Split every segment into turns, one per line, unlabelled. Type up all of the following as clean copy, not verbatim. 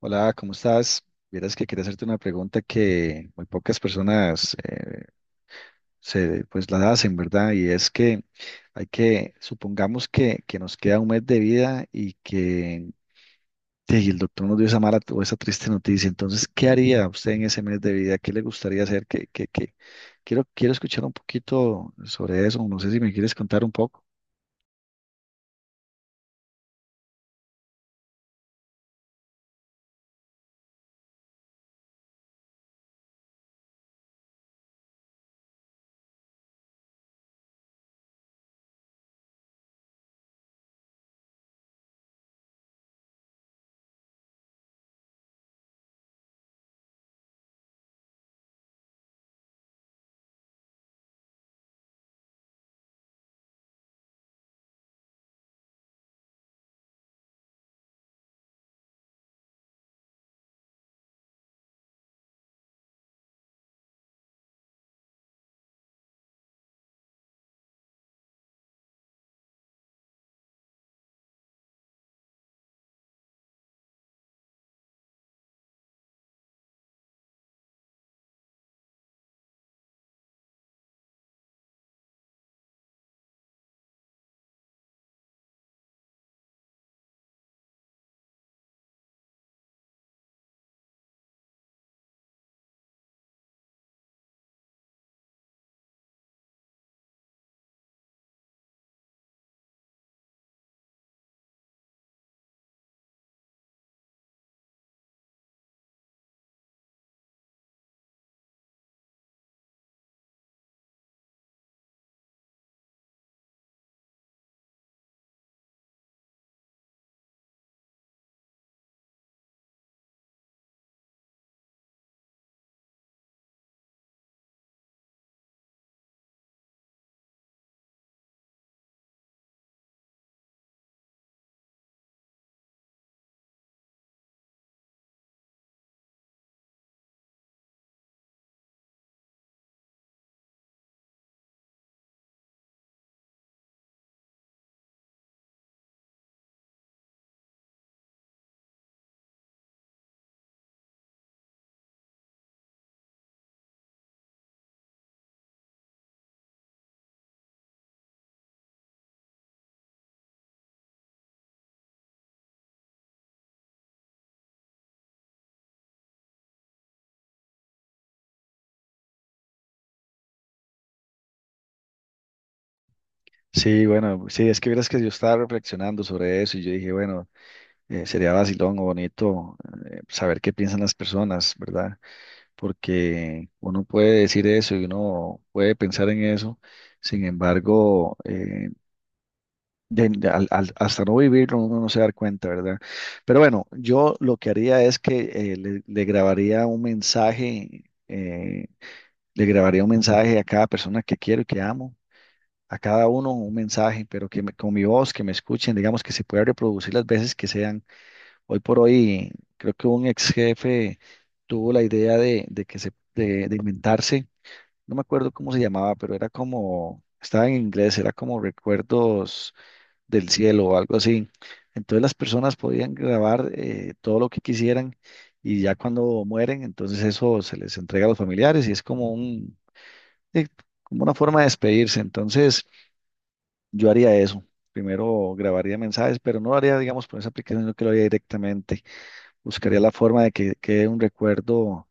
Hola, ¿cómo estás? Vieras que quería hacerte una pregunta que muy pocas personas se, pues la hacen, ¿verdad? Y es que hay que, supongamos que, nos queda un mes de vida y que sí, el doctor nos dio esa mala o esa triste noticia. Entonces, ¿qué haría usted en ese mes de vida? ¿Qué le gustaría hacer? ¿Qué? Quiero escuchar un poquito sobre eso. No sé si me quieres contar un poco. Sí, bueno, sí, es que vieras que yo estaba reflexionando sobre eso y yo dije, bueno. Sería vacilón o bonito, saber qué piensan las personas, ¿verdad? Porque uno puede decir eso y uno puede pensar en eso. Sin embargo, hasta no vivirlo uno no se da cuenta, ¿verdad? Pero bueno, yo lo que haría es que le grabaría un mensaje. Le grabaría un mensaje a cada persona que quiero y que amo. A cada uno un mensaje, pero que con mi voz, que me escuchen, digamos, que se pueda reproducir las veces que sean. Hoy por hoy, creo que un ex jefe tuvo la idea de, que se, de inventarse, no me acuerdo cómo se llamaba, pero era como, estaba en inglés, era como Recuerdos del Cielo o algo así. Entonces las personas podían grabar todo lo que quisieran, y ya cuando mueren, entonces eso se les entrega a los familiares y es como un, eh, como una forma de despedirse. Entonces yo haría eso. Primero grabaría mensajes, pero no lo haría, digamos, por esa aplicación, sino que lo haría directamente. Buscaría la forma de que quede un recuerdo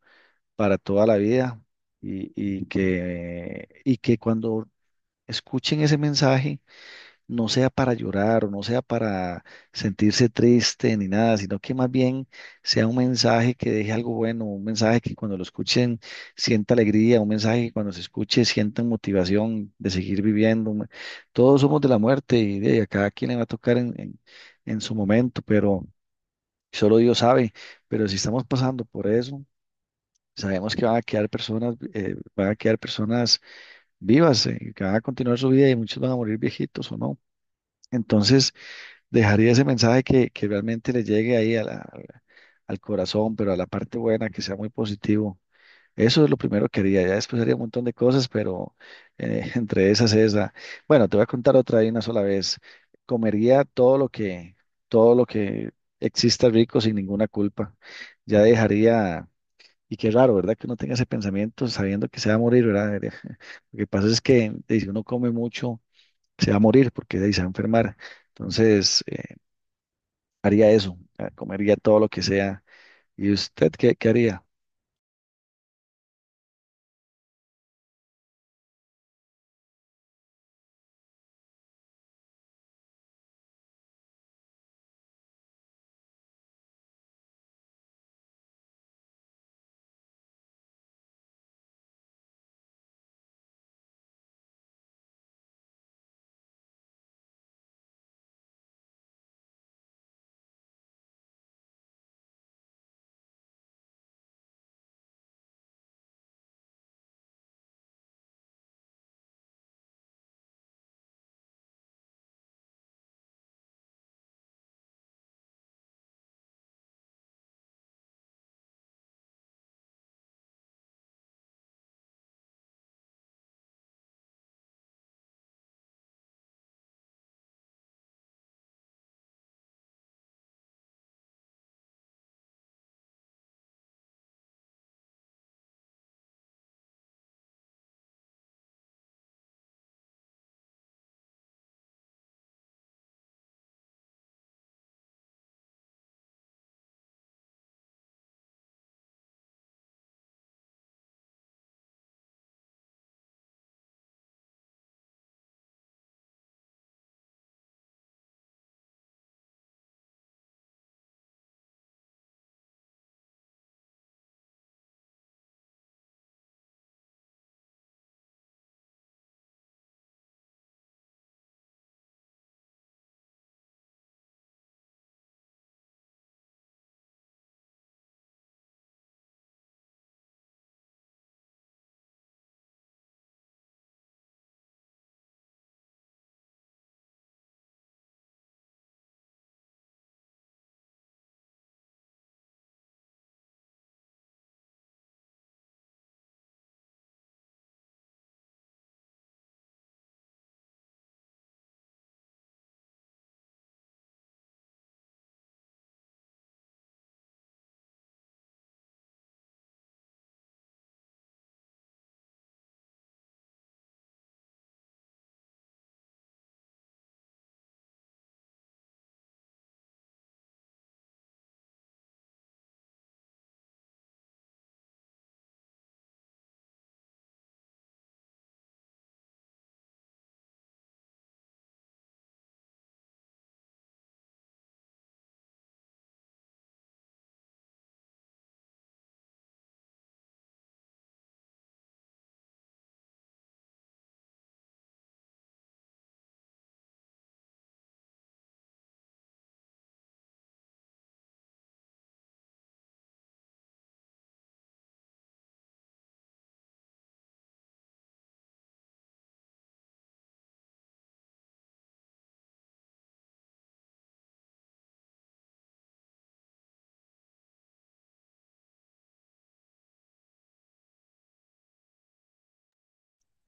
para toda la vida, y que cuando escuchen ese mensaje no sea para llorar o no sea para sentirse triste ni nada, sino que más bien sea un mensaje que deje algo bueno, un mensaje que cuando lo escuchen sienta alegría, un mensaje que cuando se escuche sientan motivación de seguir viviendo. Todos somos de la muerte y de a cada quien le va a tocar en su momento, pero... Solo Dios sabe, pero si estamos pasando por eso, sabemos que van a quedar personas, van a quedar personas vivas, que van a continuar su vida y muchos van a morir viejitos o no. Entonces, dejaría ese mensaje que realmente le llegue ahí a al corazón, pero a la parte buena, que sea muy positivo. Eso es lo primero que haría. Ya después haría un montón de cosas, pero entre esas, esa. Bueno, te voy a contar otra de una sola vez. Comería todo lo que exista rico sin ninguna culpa. Ya dejaría, y qué raro, ¿verdad? Que uno tenga ese pensamiento sabiendo que se va a morir, ¿verdad? Lo que pasa es que si uno come mucho, se va a morir porque se va a enfermar. Entonces, haría eso. Comería todo lo que sea. ¿Y usted qué, qué haría?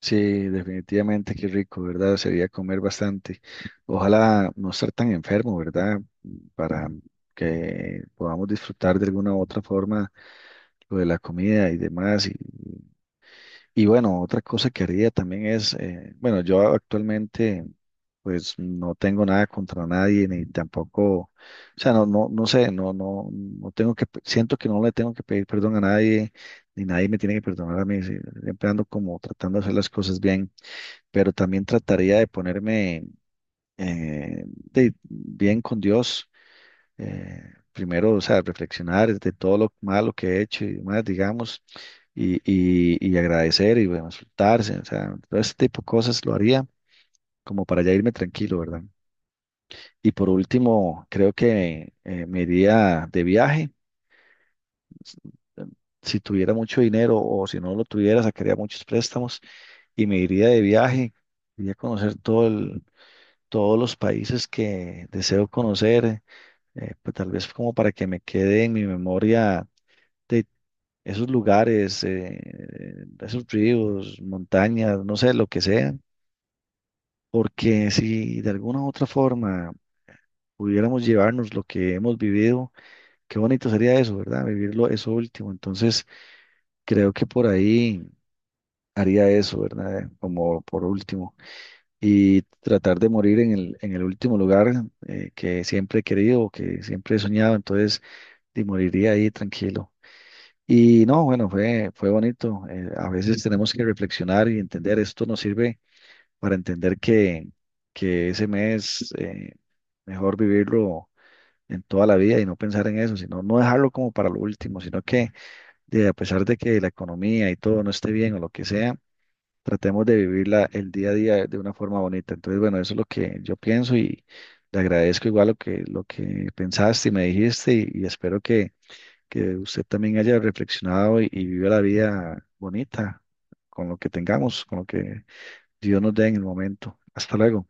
Sí, definitivamente, qué rico, ¿verdad? Sería comer bastante. Ojalá no estar tan enfermo, ¿verdad? Para que podamos disfrutar de alguna u otra forma lo de la comida y demás. Y bueno, otra cosa que haría también es, bueno, yo actualmente pues no tengo nada contra nadie, ni tampoco, o sea, no, no, no sé, no, no, no tengo que, siento que no le tengo que pedir perdón a nadie, ni nadie me tiene que perdonar a mí. Sí, siempre ando como tratando de hacer las cosas bien, pero también trataría de ponerme, bien con Dios. eh, Primero, o sea, reflexionar de todo lo malo que he hecho y demás, digamos, y agradecer y bueno, soltarse, o sea, todo ese tipo de cosas lo haría como para ya irme tranquilo, ¿verdad? Y por último, creo que me iría de viaje. s- eh, Si tuviera mucho dinero o si no lo tuviera, sacaría muchos préstamos y me iría de viaje, iría a conocer todos los países que deseo conocer. Pues tal vez como para que me quede en mi memoria de esos lugares, esos ríos, montañas, no sé, lo que sea, porque si de alguna u otra forma pudiéramos llevarnos lo que hemos vivido, qué bonito sería eso, ¿verdad? Vivirlo, eso último. Entonces, creo que por ahí haría eso, ¿verdad? Como por último. Y tratar de morir en el último lugar que siempre he querido o que siempre he soñado. Entonces y moriría ahí tranquilo. Y no, bueno, fue, fue bonito. A veces tenemos que reflexionar y entender. Esto nos sirve para entender que ese mes, mejor vivirlo en toda la vida y no pensar en eso, sino no dejarlo como para lo último, sino que de, a pesar de que la economía y todo no esté bien o lo que sea, tratemos de vivirla el día a día de una forma bonita. Entonces, bueno, eso es lo que yo pienso, y le agradezco igual lo que pensaste y me dijiste, y espero que usted también haya reflexionado y viva la vida bonita con lo que tengamos, con lo que Dios nos dé en el momento. Hasta luego.